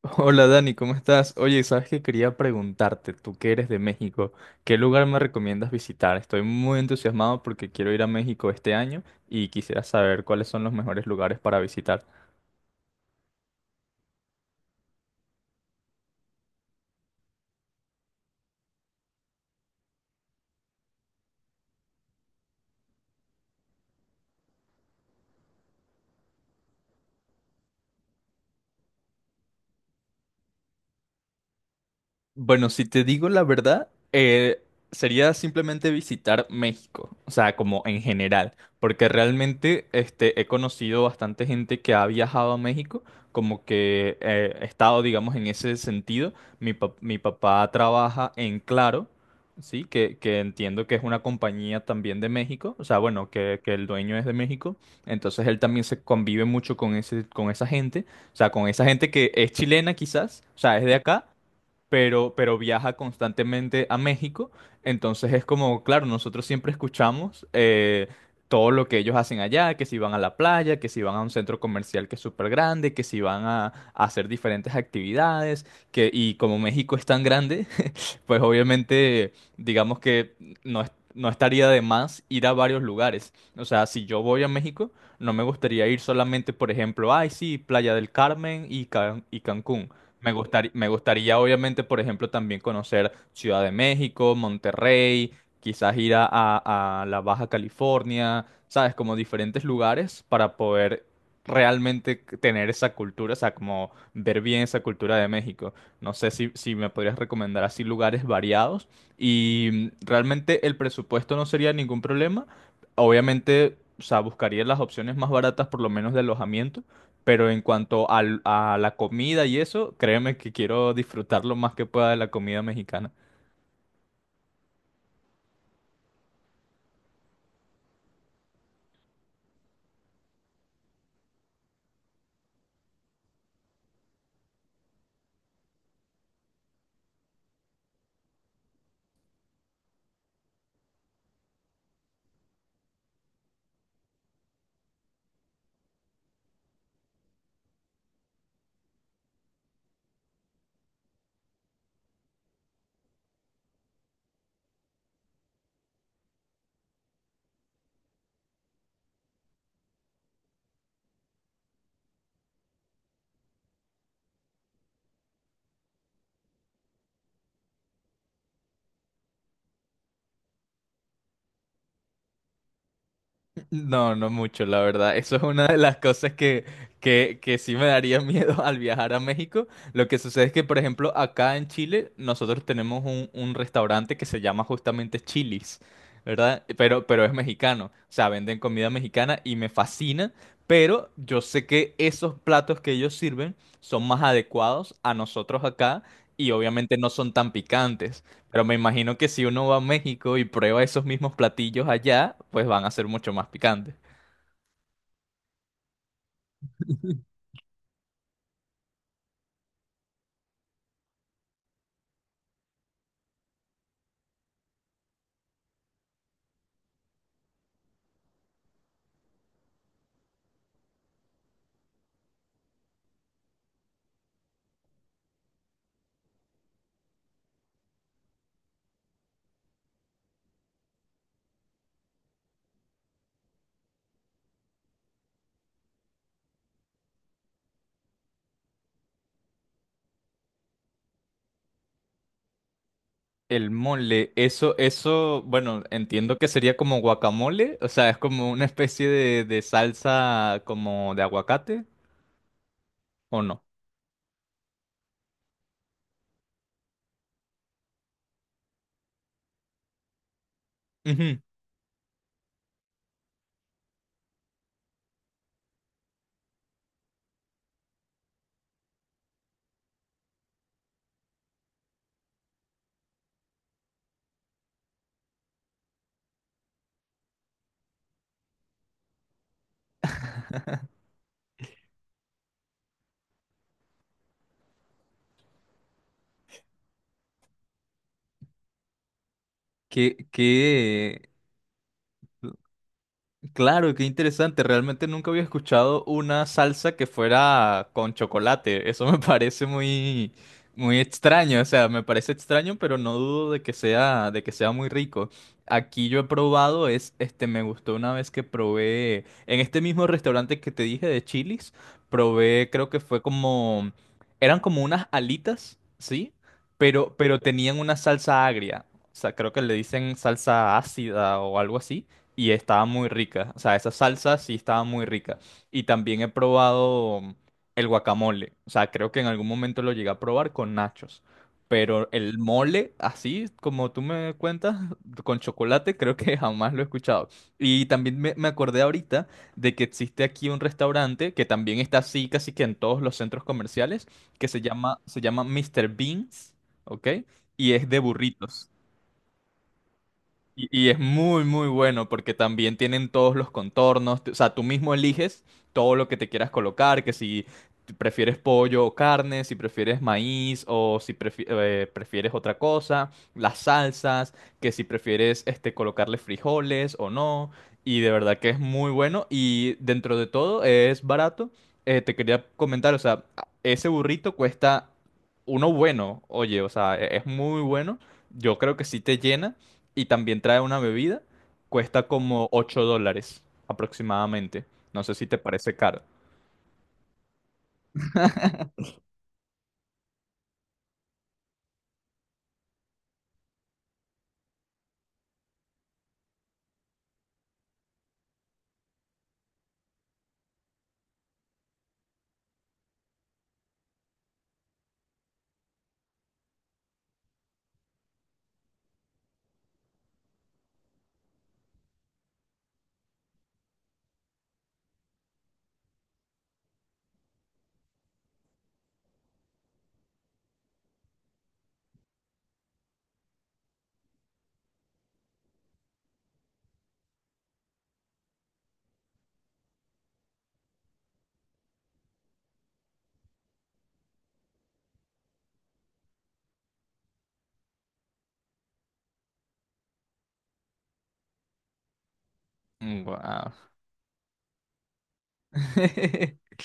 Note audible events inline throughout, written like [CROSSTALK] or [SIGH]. Hola Dani, ¿cómo estás? Oye, sabes que quería preguntarte, tú que eres de México, ¿qué lugar me recomiendas visitar? Estoy muy entusiasmado porque quiero ir a México este año y quisiera saber cuáles son los mejores lugares para visitar. Bueno, si te digo la verdad, sería simplemente visitar México, o sea, como en general, porque realmente este, he conocido bastante gente que ha viajado a México, como que he estado, digamos, en ese sentido. Mi papá trabaja en Claro, ¿sí? Que entiendo que es una compañía también de México, o sea, bueno, que el dueño es de México, entonces él también se convive mucho con ese, con esa gente, o sea, con esa gente que es chilena quizás, o sea, es de acá pero viaja constantemente a México. Entonces es como, claro, nosotros siempre escuchamos todo lo que ellos hacen allá, que si van a la playa, que si van a un centro comercial que es súper grande, que si van a hacer diferentes actividades, que, y como México es tan grande, pues obviamente digamos que no, no estaría de más ir a varios lugares. O sea, si yo voy a México, no me gustaría ir solamente, por ejemplo, ay, sí, Playa del Carmen y Cancún. Me gustaría obviamente, por ejemplo, también conocer Ciudad de México, Monterrey, quizás ir a la Baja California, ¿sabes? Como diferentes lugares para poder realmente tener esa cultura, o sea, como ver bien esa cultura de México. No sé si me podrías recomendar así lugares variados. Y realmente el presupuesto no sería ningún problema. Obviamente, o sea, buscaría las opciones más baratas, por lo menos de alojamiento. Pero en cuanto a la comida y eso, créeme que quiero disfrutar lo más que pueda de la comida mexicana. No, no mucho, la verdad. Eso es una de las cosas que, que sí me daría [LAUGHS] miedo al viajar a México. Lo que sucede es que, por ejemplo, acá en Chile nosotros tenemos un restaurante que se llama justamente Chili's, ¿verdad? Pero es mexicano. O sea, venden comida mexicana y me fascina, pero yo sé que esos platos que ellos sirven son más adecuados a nosotros acá y obviamente no son tan picantes. Pero me imagino que si uno va a México y prueba esos mismos platillos allá, pues van a ser mucho más picantes. El mole, eso, bueno, entiendo que sería como guacamole, o sea, es como una especie de salsa como de aguacate, ¿o no? Ujú. ¿Qué, qué? Claro, qué interesante. Realmente nunca había escuchado una salsa que fuera con chocolate. Eso me [LAUGHS] parece muy, muy extraño. O sea, me parece extraño, pero no dudo de que sea muy rico. Aquí yo he probado, me gustó una vez que probé en este mismo restaurante que te dije de Chili's, probé, creo que fue como, eran como unas alitas, ¿sí? Pero tenían una salsa agria. O sea, creo que le dicen salsa ácida o algo así y estaba muy rica. O sea, esa salsa sí estaba muy rica. Y también he probado el guacamole. O sea, creo que en algún momento lo llegué a probar con nachos. Pero el mole, así como tú me cuentas, [LAUGHS] con chocolate, creo que [LAUGHS] jamás lo he escuchado. Y también me acordé ahorita de que existe aquí un restaurante que también está así casi que en todos los centros comerciales, que se llama Mr. Beans, ¿ok? Y es de burritos. Y es muy, muy bueno porque también tienen todos los contornos. O sea, tú mismo eliges todo lo que te quieras colocar, que si prefieres pollo o carne, si prefieres maíz o si prefieres otra cosa, las salsas, que si prefieres este, colocarle frijoles o no. Y de verdad que es muy bueno y dentro de todo es barato. Te quería comentar, o sea, ese burrito cuesta uno bueno, oye, o sea, es muy bueno. Yo creo que sí te llena y también trae una bebida, cuesta como $8 aproximadamente. No sé si te parece caro. Mm, wow. [LAUGHS]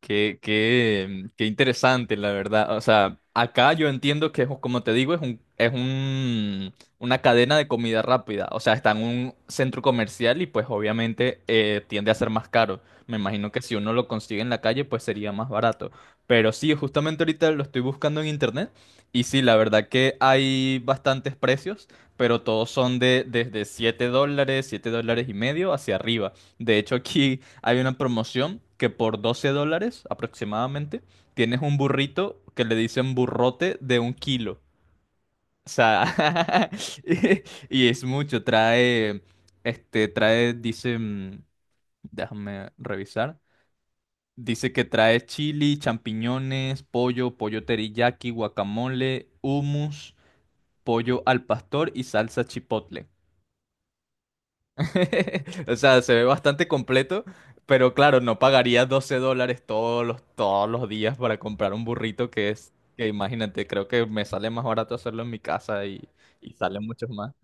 Qué interesante, la verdad. O sea, acá yo entiendo que, es, como te digo, una cadena de comida rápida. O sea, está en un centro comercial y pues obviamente tiende a ser más caro. Me imagino que si uno lo consigue en la calle, pues sería más barato. Pero sí, justamente ahorita lo estoy buscando en internet. Y sí, la verdad que hay bastantes precios, pero todos son de desde $7, $7.50 hacia arriba. De hecho, aquí hay una promoción que por $12 aproximadamente tienes un burrito que le dicen burrote de un kilo. O sea, [LAUGHS] y, y es mucho. Trae, dice, déjame revisar. Dice que trae chili, champiñones, pollo, pollo teriyaki, guacamole, hummus, pollo al pastor y salsa chipotle. [LAUGHS] O sea, se ve bastante completo, pero claro, no pagaría $12 todos los días para comprar un burrito que es, que imagínate, creo que me sale más barato hacerlo en mi casa y sale mucho más.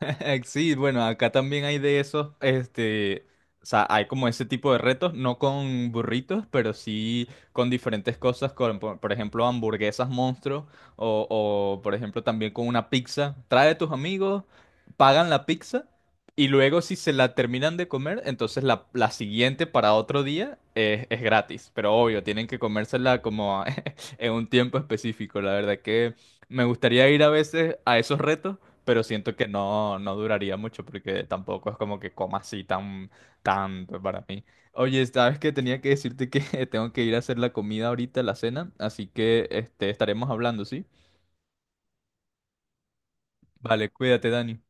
[LAUGHS] Sí, bueno, acá también hay de esos, este, o sea, hay como ese tipo de retos, no con burritos, pero sí con diferentes cosas, con, por ejemplo, hamburguesas monstruo o, por ejemplo, también con una pizza. Trae a tus amigos, pagan la pizza y luego si se la terminan de comer, entonces la siguiente para otro día es gratis, pero obvio, tienen que comérsela como [LAUGHS] en un tiempo específico. La verdad que me gustaría ir a veces a esos retos pero siento que no, no duraría mucho porque tampoco es como que coma así tan tanto para mí. Oye, sabes que tenía que decirte que [LAUGHS] tengo que ir a hacer la comida ahorita, la cena, así que este, estaremos hablando, ¿sí? Vale, cuídate, Dani.